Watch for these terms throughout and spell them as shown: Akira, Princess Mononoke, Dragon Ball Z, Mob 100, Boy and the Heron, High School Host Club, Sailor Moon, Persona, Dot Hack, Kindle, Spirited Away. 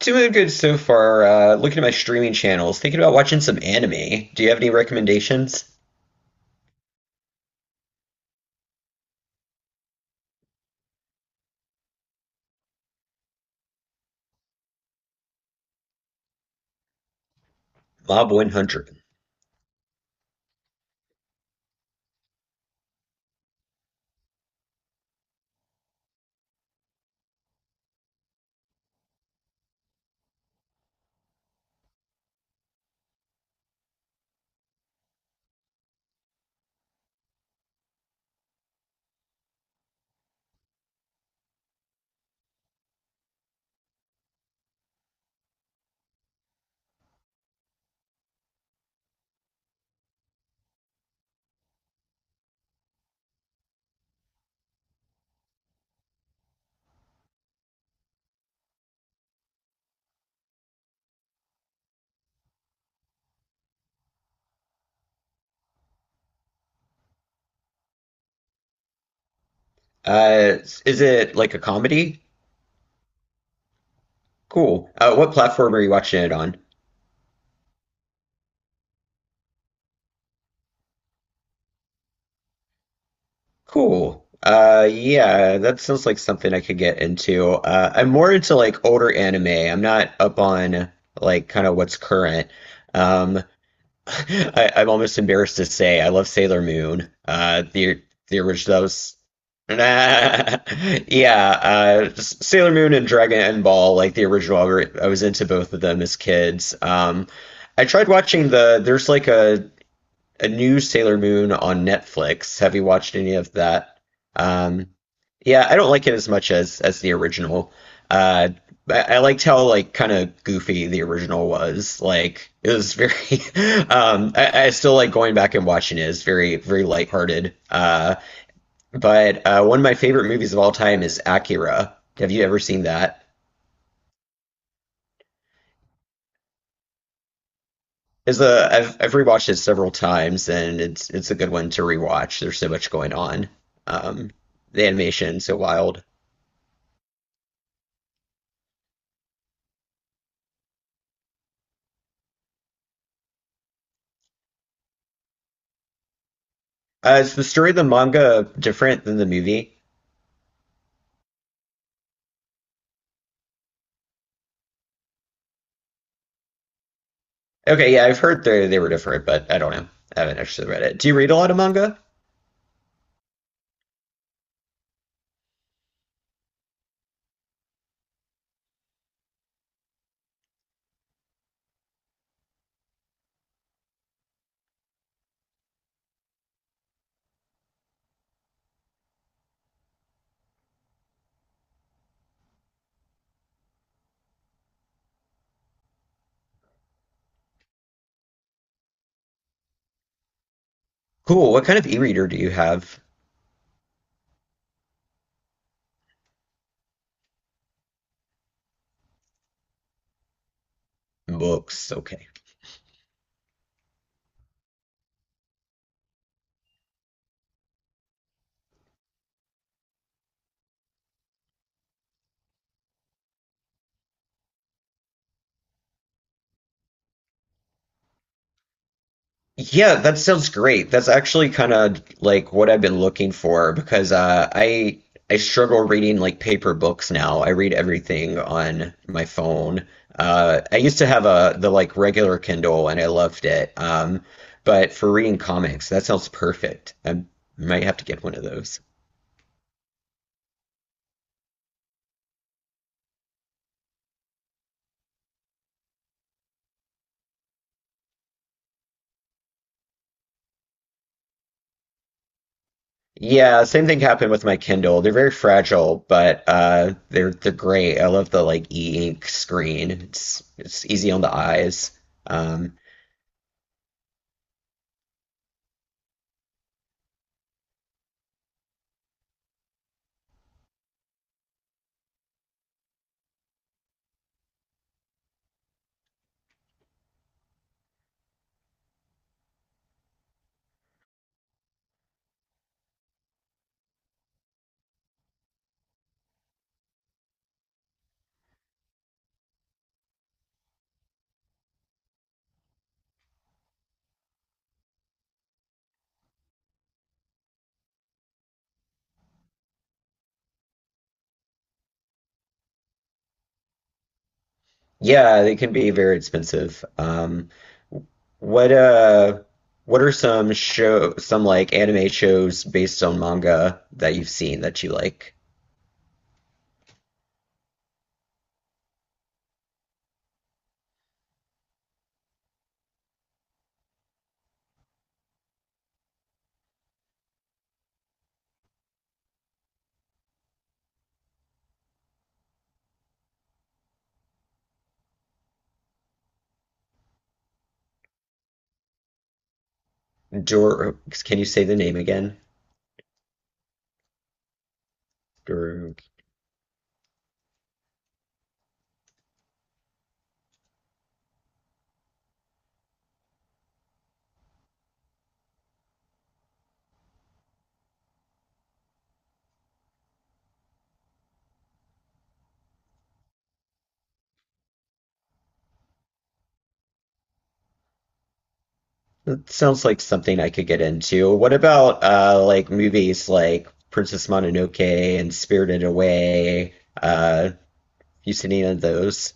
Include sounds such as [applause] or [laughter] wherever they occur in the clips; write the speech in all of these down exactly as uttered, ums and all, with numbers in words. Doing good so far. Uh, looking at my streaming channels, thinking about watching some anime. Do you have any recommendations? Mob one hundred. Uh, is it like a comedy? Cool. Uh, what platform are you watching it on? Cool. Uh, yeah, that sounds like something I could get into. Uh, I'm more into like older anime. I'm not up on like kind of what's current. Um, I, I'm almost embarrassed to say I love Sailor Moon. Uh, the the original, that was, [laughs] yeah, uh, just Sailor Moon and Dragon Ball, like the original. I were- I was into both of them as kids. Um, I tried watching the. There's like a a new Sailor Moon on Netflix. Have you watched any of that? Um, yeah, I don't like it as much as as the original. Uh, I, I liked how like kind of goofy the original was. Like it was very. [laughs] um, I, I still like going back and watching it. It's very very lighthearted. Uh, but uh, one of my favorite movies of all time is Akira. Have you ever seen that? Is a I've I've rewatched it several times and it's it's a good one to rewatch. There's so much going on. Um, the animation's so wild. Uh, is the story of the manga different than the movie? Okay, yeah, I've heard they they were different, but I don't know. I haven't actually read it. Do you read a lot of manga? Cool. What kind of e-reader do you have? Books. Okay. Yeah, that sounds great. That's actually kind of like what I've been looking for because uh, I I struggle reading like paper books now. I read everything on my phone. Uh, I used to have a the like regular Kindle and I loved it. Um, but for reading comics, that sounds perfect. I might have to get one of those. Yeah, same thing happened with my Kindle. They're very fragile, but uh, they're they're great. I love the like e-ink screen. It's it's easy on the eyes. Um, Yeah, they can be very expensive. Um, what uh, what are some show, some like anime shows based on manga that you've seen that you like? Dor, can you say the name again? Dor, it sounds like something I could get into. What about uh, like movies like Princess Mononoke and Spirited Away? Uh, you seen any of those?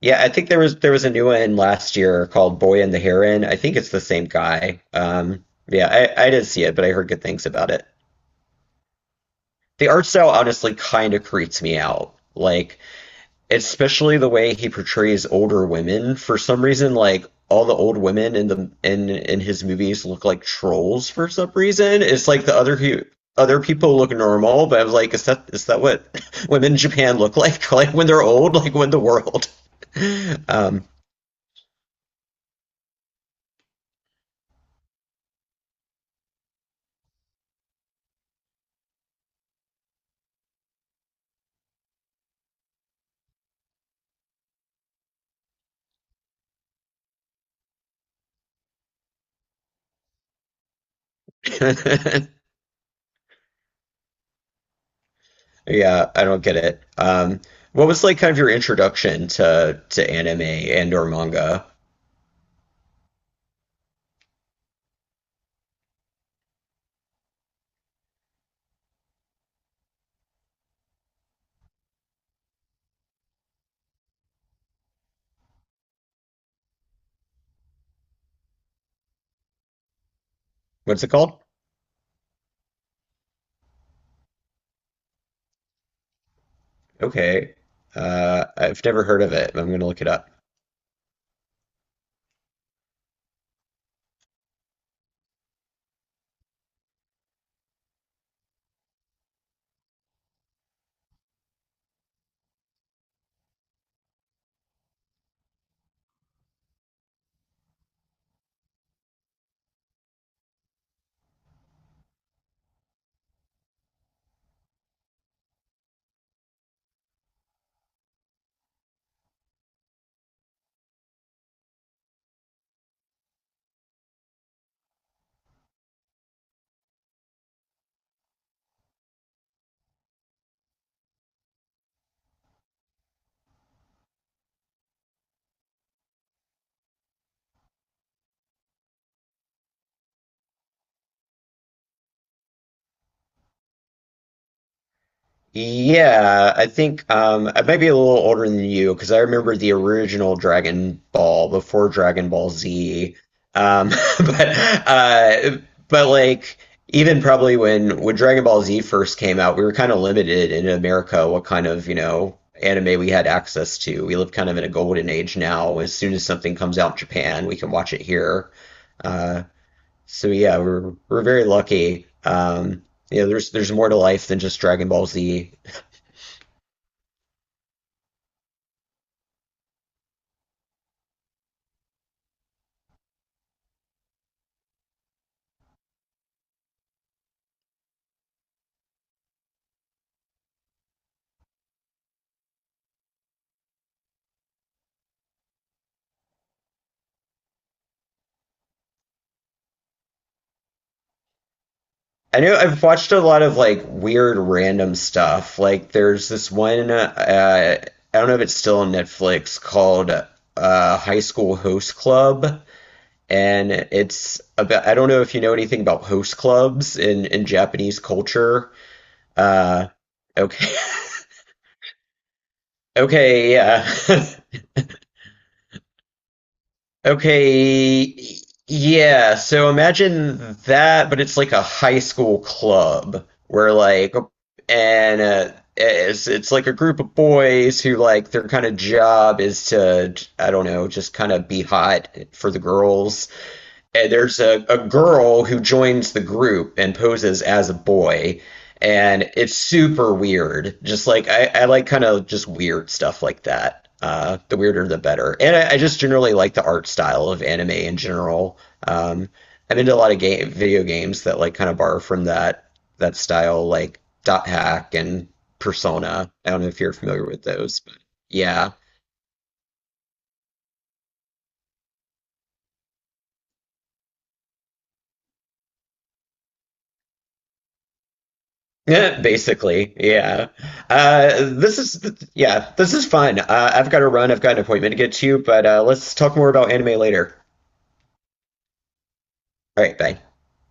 Yeah, I think there was there was a new one last year called Boy and the Heron. I think it's the same guy. Um, yeah, I, I didn't see it, but I heard good things about it. The art style honestly kind of creeps me out. Like, especially the way he portrays older women. For some reason, like all the old women in the in in his movies look like trolls for some reason. It's like the other hu- other people look normal, but I was like, is that is that what [laughs] women in Japan look like? [laughs] Like when they're old, like when the world. [laughs] Um, [laughs] yeah, I don't get it. Um, what was like kind of your introduction to to anime and or manga? What's it called? Okay. Uh, I've never heard of it. I'm gonna look it up. Yeah, I think um, I might be a little older than you because I remember the original Dragon Ball before Dragon Ball Z. Um, [laughs] but uh, but like even probably when when Dragon Ball Z first came out, we were kind of limited in America what kind of you know anime we had access to. We live kind of in a golden age now. As soon as something comes out in Japan, we can watch it here. Uh, so yeah, we're we're very lucky. Um, you know, there's there's more to life than just Dragon Ball Z. I know I've watched a lot of like weird random stuff. Like there's this one uh, I don't know if it's still on Netflix called uh, High School Host Club, and it's about I don't know if you know anything about host clubs in in Japanese culture. Uh, okay, [laughs] okay, yeah. [laughs] Okay, yeah. So imagine that, but it's like a high school club where like, and uh, it's it's like a group of boys who like their kind of job is to, I don't know, just kind of be hot for the girls. And there's a, a girl who joins the group and poses as a boy. And it's super weird. Just like I, I like kind of just weird stuff like that. Uh, the weirder, the better. And I, I just generally like the art style of anime in general. Um, I'm into a lot of game video games that like kind of borrow from that that style, like Dot Hack and Persona. I don't know if you're familiar with those, but yeah. [laughs] Yeah, basically, yeah. Uh, this is yeah, this is fun. Uh, I've got to run. I've got an appointment to get to, but uh, let's talk more about anime later. All right, bye.